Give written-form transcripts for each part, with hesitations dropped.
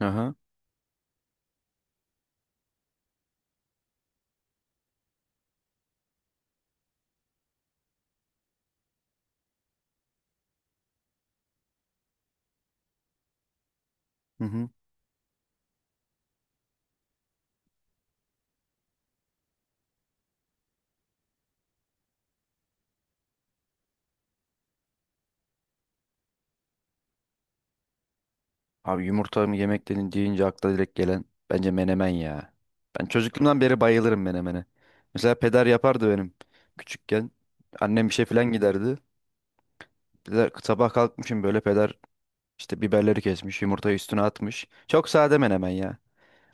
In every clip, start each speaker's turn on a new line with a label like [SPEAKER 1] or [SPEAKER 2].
[SPEAKER 1] Aha. Hı hı. Abi yumurta mı yemek dedin deyince akla direkt gelen bence menemen ya. Ben çocukluğumdan beri bayılırım menemene. Mesela peder yapardı benim küçükken. Annem işe falan giderdi. Peder, sabah kalkmışım böyle peder işte biberleri kesmiş, yumurtayı üstüne atmış. Çok sade menemen ya.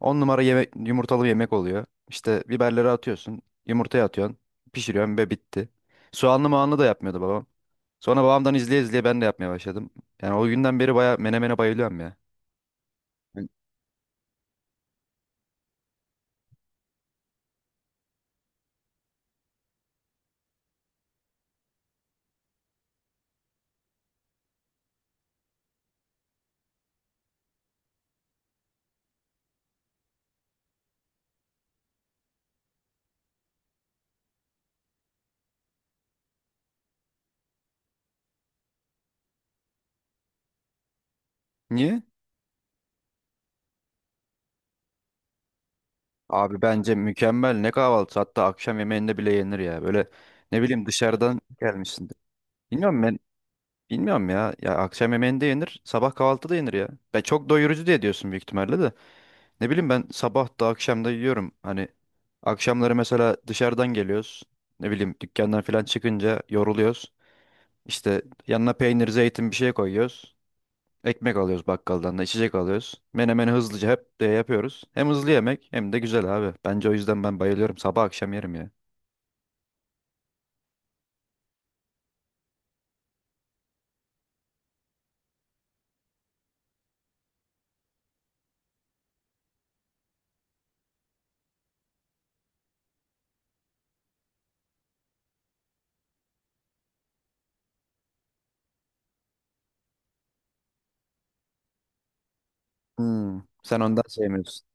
[SPEAKER 1] 10 numara yemek, yumurtalı yemek oluyor. İşte biberleri atıyorsun. Yumurtaya atıyorsun. Pişiriyorsun ve bitti. Soğanlı mağanlı da yapmıyordu babam. Sonra babamdan izleye izleye ben de yapmaya başladım. Yani o günden beri baya menemene bayılıyorum ya. Yani niye? Abi bence mükemmel ne kahvaltısı, hatta akşam yemeğinde bile yenir ya. Böyle ne bileyim dışarıdan gelmişsin. Bilmiyorum ben, bilmiyorum ya. Ya akşam yemeğinde yenir, sabah kahvaltıda yenir ya. Ya çok doyurucu diye diyorsun büyük ihtimalle de. Ne bileyim ben sabah da akşam da yiyorum. Hani akşamları mesela dışarıdan geliyoruz. Ne bileyim dükkandan falan çıkınca yoruluyoruz. İşte yanına peynir, zeytin bir şey koyuyoruz. Ekmek alıyoruz bakkaldan da, içecek alıyoruz. Menemeni hızlıca hep de yapıyoruz. Hem hızlı yemek hem de güzel abi. Bence o yüzden ben bayılıyorum. Sabah akşam yerim ya. Hmm, sen ondan sevmiyorsun.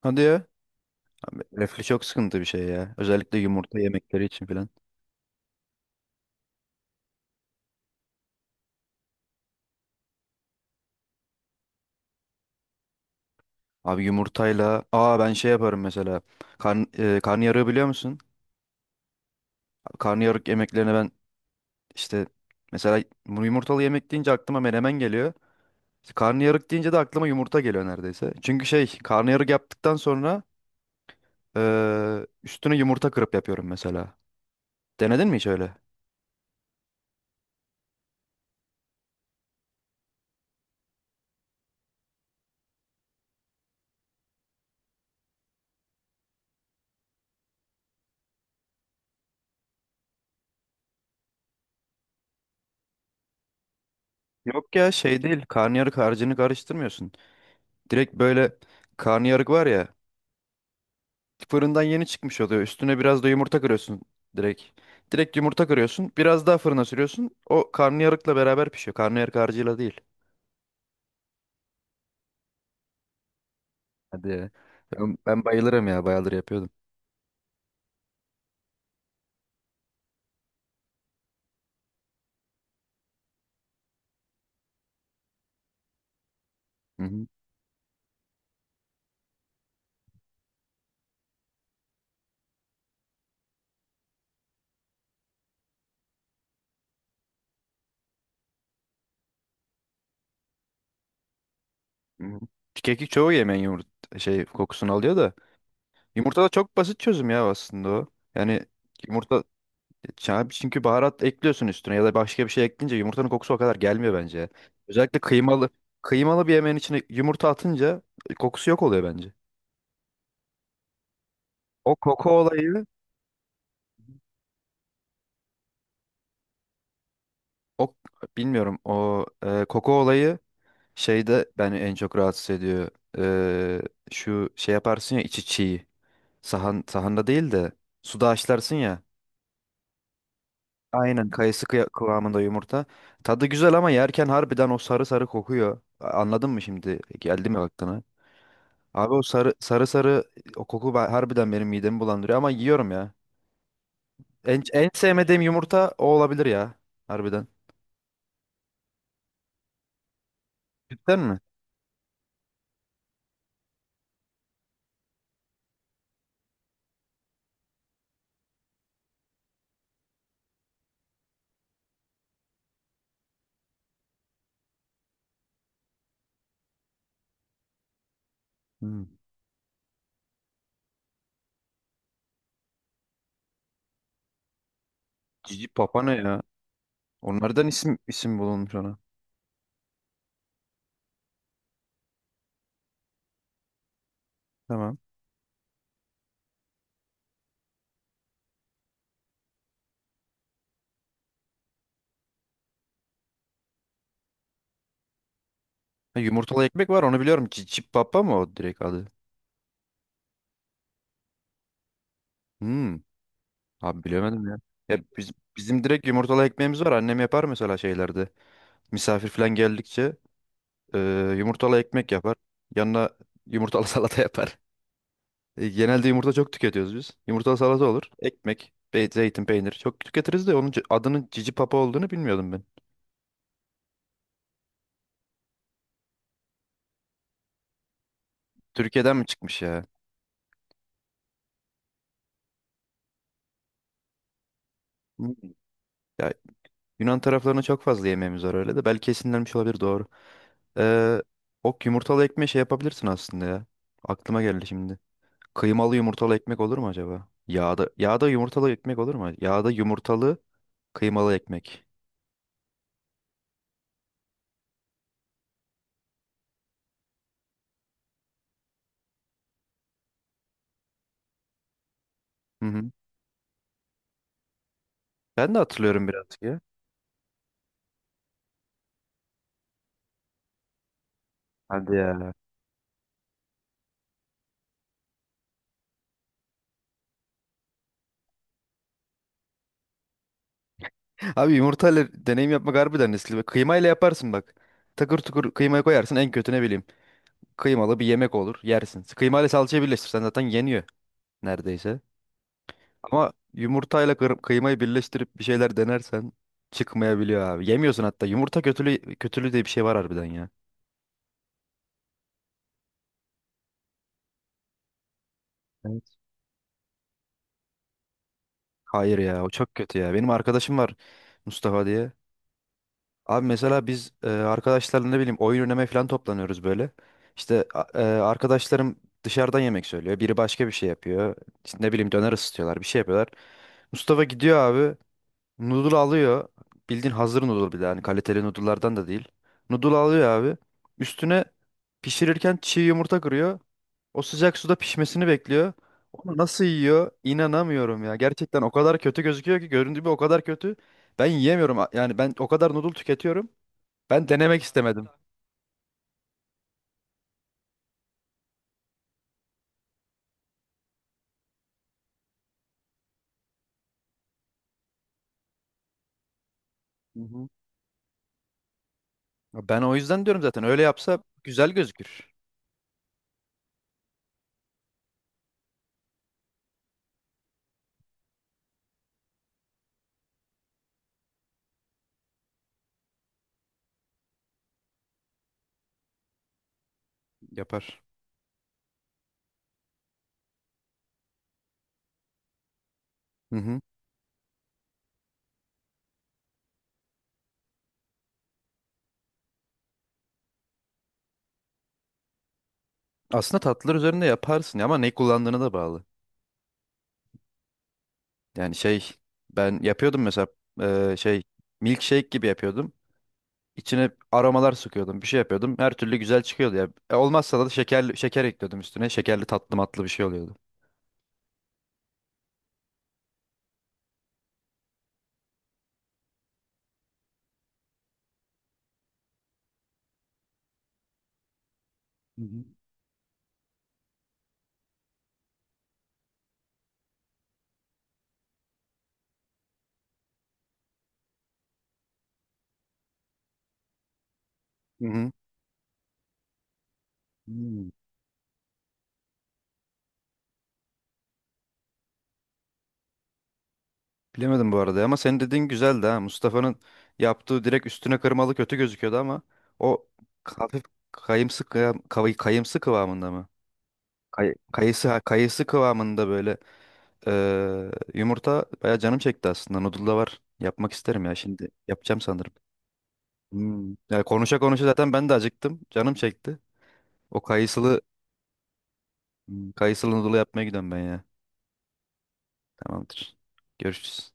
[SPEAKER 1] Hadi ya. Reflü çok sıkıntı bir şey ya. Özellikle yumurta yemekleri için filan. Abi yumurtayla... ben şey yaparım mesela. Karn, karnıyarığı biliyor musun? Karnıyarık yemeklerine ben işte... Mesela bu yumurtalı yemek deyince aklıma menemen geliyor. İşte karnıyarık deyince de aklıma yumurta geliyor neredeyse. Çünkü şey karnıyarık yaptıktan sonra üstüne yumurta kırıp yapıyorum mesela. Denedin mi hiç öyle? Yok ya şey değil. Karnıyarık harcını karıştırmıyorsun. Direkt böyle karnıyarık var ya. Fırından yeni çıkmış oluyor. Üstüne biraz da yumurta kırıyorsun direkt. Direkt yumurta kırıyorsun. Biraz daha fırına sürüyorsun. O karnıyarıkla beraber pişiyor. Karnıyarık harcıyla değil. Hadi ya. Ben bayılırım ya. Bayılır yapıyordum. Hı hı. Hı hı. Kekik çoğu yemeğin yumurta şey kokusunu alıyor da. Yumurta da çok basit çözüm ya aslında o. Yani yumurta, ya çünkü baharat ekliyorsun üstüne ya da başka bir şey ekleyince yumurtanın kokusu o kadar gelmiyor bence. Özellikle kıymalı bir yemeğin içine yumurta atınca kokusu yok oluyor bence. O koku olayı, o bilmiyorum o koku olayı şeyde beni en çok rahatsız ediyor. E, şu şey yaparsın ya içi çiğ. Sahanda değil de suda haşlarsın ya. Aynen kayısı kıvamında yumurta. Tadı güzel ama yerken harbiden o sarı sarı kokuyor. Anladın mı şimdi? Geldi mi aklına? Abi o sarı sarı sarı o koku harbiden benim midemi bulandırıyor ama yiyorum ya. En sevmediğim yumurta o olabilir ya. Harbiden. Cidden mi? Hmm. Cici papa ne ya? Onlardan isim isim bulunmuş ona. Tamam. Ha, yumurtalı ekmek var, onu biliyorum. Cicip Papa mı o direkt adı? Hmm. Abi bilemedim ya. Ya bizim direkt yumurtalı ekmeğimiz var. Annem yapar mesela şeylerde. Misafir falan geldikçe e, yumurtalı ekmek yapar. Yanına yumurtalı salata yapar. Genelde yumurta çok tüketiyoruz biz. Yumurtalı salata olur. Ekmek, zeytin, peynir çok tüketiriz de onun adının Cici Papa olduğunu bilmiyordum ben. Türkiye'den mi çıkmış ya? Hmm. Ya Yunan taraflarına çok fazla yemeğimiz var öyle de belki esinlenmiş olabilir, doğru. Ee, o yumurtalı ekmeği şey yapabilirsin aslında ya. Aklıma geldi şimdi. Kıymalı yumurtalı ekmek olur mu acaba? Yağda yumurtalı ekmek olur mu? Yağda yumurtalı kıymalı ekmek. Hı hı. Ben de hatırlıyorum birazcık ya. Hadi ya. Abi yumurtayla deneyim yapmak harbiden riskli. Bak, kıymayla yaparsın bak. Takır tukur kıymayı koyarsın en kötü, ne bileyim. Kıymalı bir yemek olur, yersin. Kıymayla salçayı birleştirsen zaten yeniyor neredeyse. Ama yumurtayla kıymayı birleştirip bir şeyler denersen çıkmayabiliyor abi. Yemiyorsun hatta. Yumurta kötülüğü diye bir şey var harbiden ya. Evet. Hayır ya o çok kötü ya. Benim arkadaşım var Mustafa diye. Abi mesela biz arkadaşlarla ne bileyim oyun oynamaya falan toplanıyoruz böyle. İşte arkadaşlarım dışarıdan yemek söylüyor. Biri başka bir şey yapıyor. İşte ne bileyim döner ısıtıyorlar, bir şey yapıyorlar. Mustafa gidiyor abi. Noodle alıyor. Bildiğin hazır noodle, bir de hani kaliteli noodle'lardan da değil. Noodle alıyor abi. Üstüne pişirirken çiğ yumurta kırıyor. O sıcak suda pişmesini bekliyor. Onu nasıl yiyor? İnanamıyorum ya. Gerçekten o kadar kötü gözüküyor ki, göründüğü gibi o kadar kötü. Ben yiyemiyorum. Yani ben o kadar noodle tüketiyorum. Ben denemek istemedim. Hı hı. Ya ben o yüzden diyorum, zaten öyle yapsa güzel gözükür. Yapar. Hı hı. Aslında tatlılar üzerinde yaparsın ama ne kullandığına da bağlı. Yani şey, ben yapıyordum mesela şey, milkshake gibi yapıyordum. İçine aromalar sıkıyordum, bir şey yapıyordum. Her türlü güzel çıkıyordu ya. Olmazsa da şeker ekliyordum üstüne. Şekerli tatlı matlı bir şey oluyordu. Hı hı. Hı hı. Hmm. Bilemedim bu arada ama senin dediğin güzeldi ha. Mustafa'nın yaptığı direkt üstüne kırmalı kötü gözüküyordu ama o hafif kayımsı kıvamında mı? Kayısı ha, kayısı kıvamında böyle. Yumurta bayağı canım çekti aslında. Noodle da var. Yapmak isterim ya şimdi. Yapacağım sanırım. Hmm. Ya konuşa konuşa zaten ben de acıktım. Canım çekti. O kayısılı Hmm, kayısılı noodle yapmaya gidiyorum ben ya. Tamamdır. Görüşürüz.